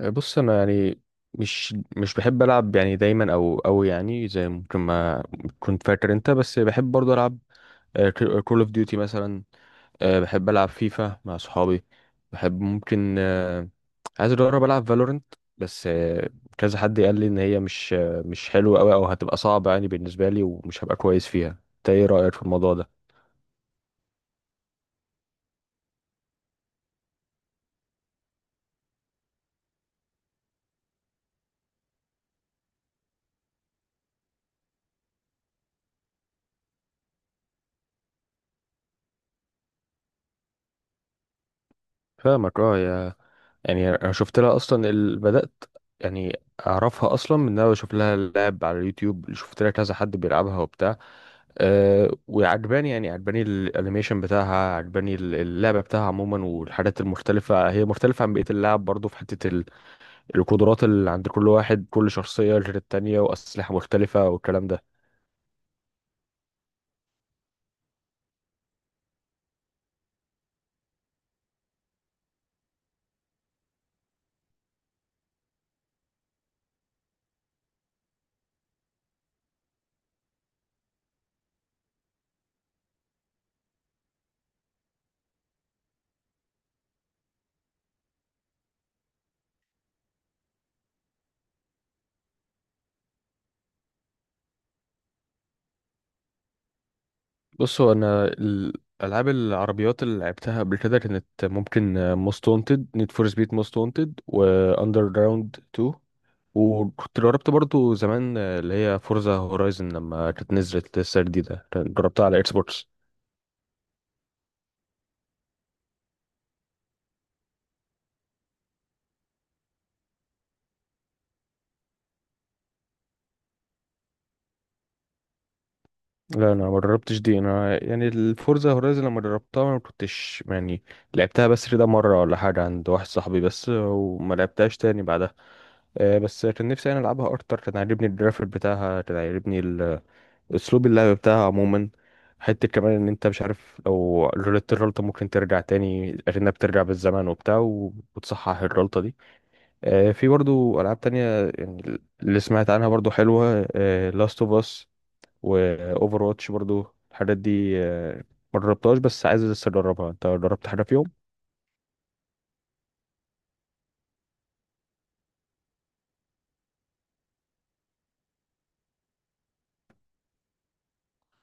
بص انا يعني مش بحب العب يعني دايما او يعني زي ممكن ما كنت فاكر انت. بس بحب برضه العب كول اوف ديوتي مثلا. بحب العب فيفا مع صحابي. بحب ممكن، عايز اجرب العب فالورنت. بس كذا حد قال لي ان هي مش حلوه قوي او هتبقى صعبه يعني بالنسبه لي، ومش هبقى كويس فيها. انت ايه رايك في الموضوع ده؟ فاهمك اه يعني انا شفت لها اصلا بدات. يعني اعرفها اصلا من ان انا بشوف لها لعب على اليوتيوب، شفت لها كذا حد بيلعبها وبتاع. وعجباني، يعني عجباني الانيميشن بتاعها، عجباني اللعبه بتاعها عموما والحاجات المختلفه. هي مختلفه عن بقيه اللعب برضو، في حته القدرات اللي عند كل واحد، كل شخصيه غير التانيه، واسلحه مختلفه والكلام ده. بص هو انا الالعاب العربيات اللي لعبتها قبل كده كانت ممكن موست وانتد، نيد فور سبيد موست وانتد، واندر جراوند 2. وكنت جربت برضو زمان اللي هي فورزا هورايزن، لما كانت نزلت لسه جديدة جربتها على اكس بوكس. لا، انا ما جربتش دي. انا يعني الفورزا هورايزن لما جربتها ما كنتش يعني لعبتها، بس كده مرة ولا حاجة عند واحد صاحبي بس، وما لعبتهاش تاني بعدها. بس كان نفسي انا العبها اكتر. كان عاجبني الجرافيك بتاعها، كان عاجبني اسلوب اللعب بتاعها عموما. حتة كمان ان انت مش عارف لو غلطت الغلطة، ممكن ترجع تاني اكنك بترجع بالزمن وبتاع وتصحح الغلطة دي. في برضو ألعاب تانية يعني اللي سمعت عنها برضو حلوة: لاست اوف اس، وأوفر واتش برضو. الحاجات دي ما جربتهاش بس عايز لسه أجربها. أنت جربت حاجة فيهم؟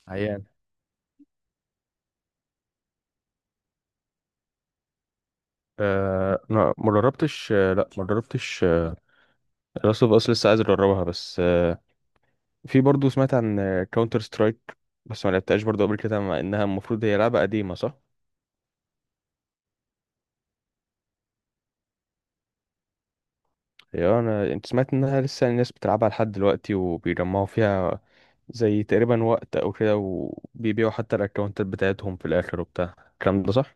عيان. آه، لا، ما جربتش. آه، لا، ما جربتش. لاست اوف اس لسه عايز اجربها بس في برضو سمعت عن كاونتر سترايك، بس ما لعبتهاش برضو قبل كده مع انها المفروض هي لعبة قديمة، صح؟ هي انا انت سمعت انها لسه الناس بتلعبها لحد دلوقتي وبيجمعوا فيها زي تقريبا وقت او كده، وبيبيعوا حتى الاكونتات بتاعتهم في الاخر وبتاع الكلام ده، صح؟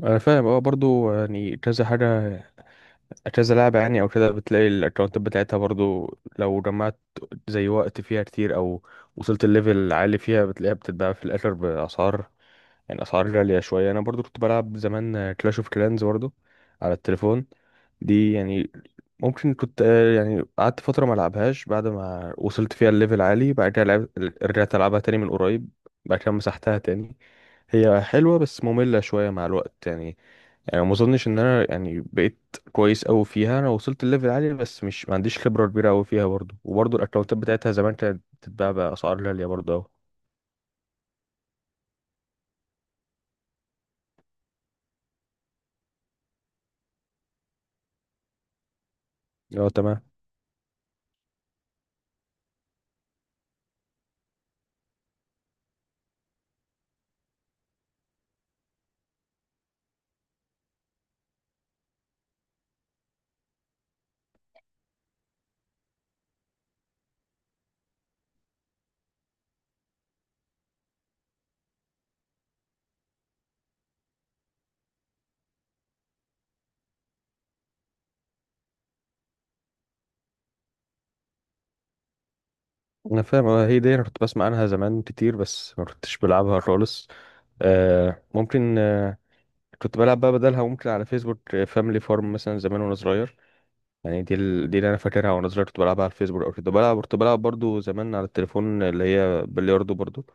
انا فاهم، اه. برضو يعني كذا حاجه، كذا لعبه يعني او كده بتلاقي الاكونتات بتاعتها برضو، لو جمعت زي وقت فيها كتير او وصلت الليفل عالي فيها بتلاقيها بتتباع في الاخر باسعار، يعني الاسعار غاليه شويه. انا برضو كنت بلعب زمان كلاش اوف كلانز برضو على التليفون. دي يعني ممكن كنت، يعني قعدت فتره ما العبهاش بعد ما وصلت فيها الليفل عالي. بعد كده رجعت العبها تاني من قريب. بعد كده مسحتها تاني. هي حلوه بس ممله شويه مع الوقت يعني. يعني ما اظنش ان انا يعني بقيت كويس قوي فيها. انا وصلت الليفل عالي بس مش، ما عنديش خبره كبيره قوي فيها برضو، وبرضو الاكونتات بتاعتها زمان كانت بتتباع باسعار غاليه برضو أوي. اه، تمام. انا فاهم، هي دي انا كنت بسمع عنها زمان كتير بس ما كنتش بلعبها خالص. ممكن، كنت بلعب بقى بدلها ممكن على فيسبوك فاميلي فارم مثلا زمان وانا صغير. يعني دي اللي انا فاكرها وانا صغير، كنت بلعبها على الفيسبوك او كده. بلعب، كنت بلعب برضو زمان على التليفون اللي هي بلياردو برضو.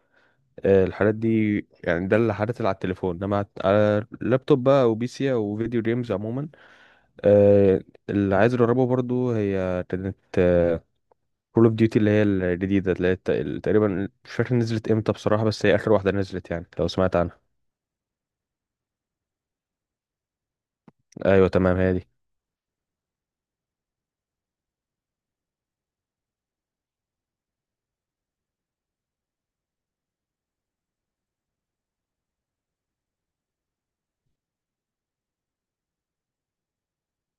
الحاجات دي. يعني ده اللي حدث على التليفون، انما على اللابتوب بقى او بي سي او فيديو جيمز عموما. آه اللي عايز اجربه برضو هي كانت كول اوف ديوتي اللي هي الجديدة، اللي هي تقريبا مش فاكر نزلت امتى بصراحة، بس هي آخر واحدة نزلت، يعني لو سمعت عنها. ايوه، تمام، هي دي.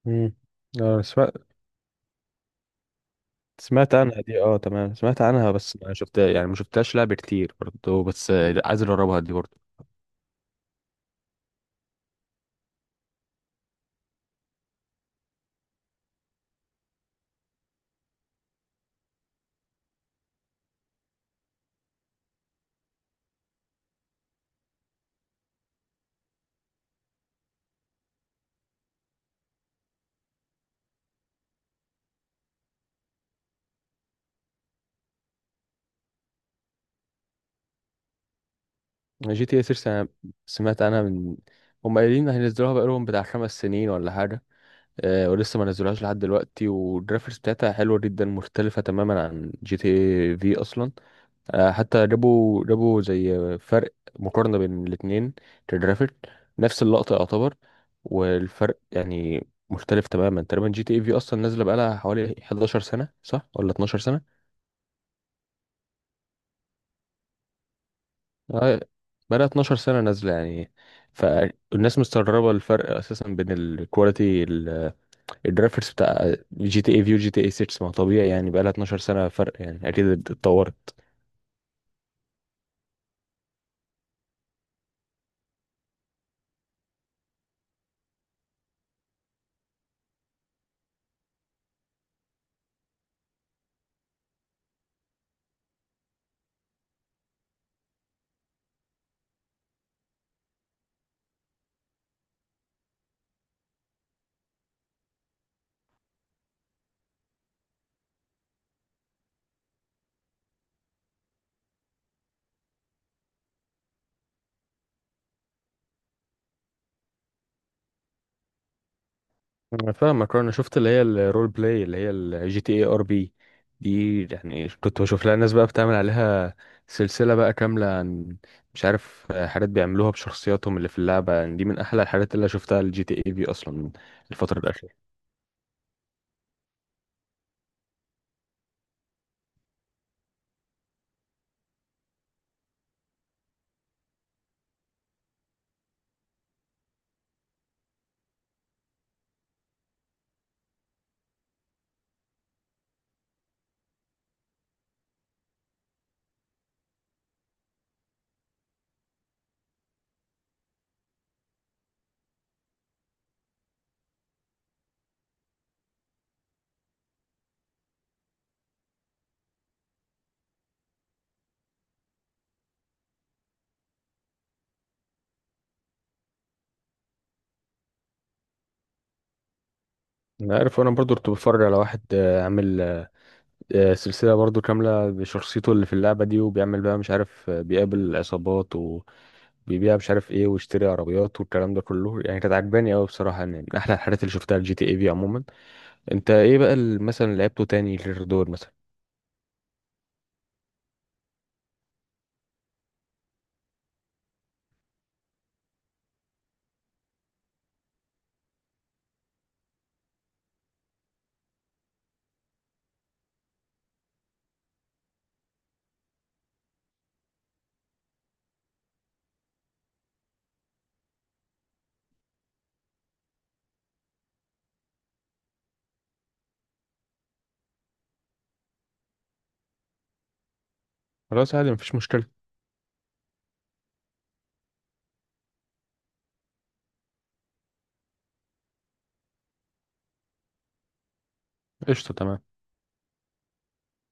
امم، اه، سمعت. سمعت عنها دي، اه، تمام. سمعت عنها بس ما شفتها، يعني ما شفتهاش لعب كتير برضه، بس عايز اجربها دي برضه. جي تي اي 6، انا سمعت عنها. من هم قايلين هينزلوها بقالهم بتاع 5 سنين ولا حاجة، ولسه ما نزلوهاش لحد دلوقتي. والجرافيكس بتاعتها حلوة جدا، مختلفة تماما عن جي تي اي في اصلا. حتى جابوا زي فرق، مقارنة بين الاتنين كجرافيك، نفس اللقطة يعتبر. والفرق يعني مختلف تماما تقريبا. جي تي اي في اصلا نازلة بقالها حوالي 11 سنة، صح ولا 12 سنة؟ آه، بقالها 12 سنة نازلة يعني. فالناس مستغربة الفرق اساسا بين الكواليتي الجرافيكس بتاع جي تي اي في وجي تي اي 6. ما هو طبيعي يعني، بقالها 12 سنة فرق، يعني اكيد اتطورت. انا فاهمك. انا شفت اللي هي الرول بلاي، اللي هي الجي تي اي ار بي. دي يعني كنت بشوف لها ناس بقى بتعمل عليها سلسلة بقى كاملة، عن مش عارف حاجات بيعملوها بشخصياتهم اللي في اللعبة. يعني دي من احلى الحاجات اللي شفتها الجي تي اي في اصلا الفترة الأخيرة. انا عارف انا برضو كنت بتفرج على واحد عامل سلسلة برضو كاملة بشخصيته اللي في اللعبة دي، وبيعمل بقى مش عارف، بيقابل عصابات وبيبيع مش عارف ايه، ويشتري عربيات والكلام ده كله. يعني كانت عجباني قوي بصراحة، يعني من احلى الحاجات اللي شفتها الجي تي اي في عموما. انت ايه بقى مثلا لعبته تاني غير دول مثلا؟ خلاص، عادي، مفيش مشكلة. قشطة، تمام.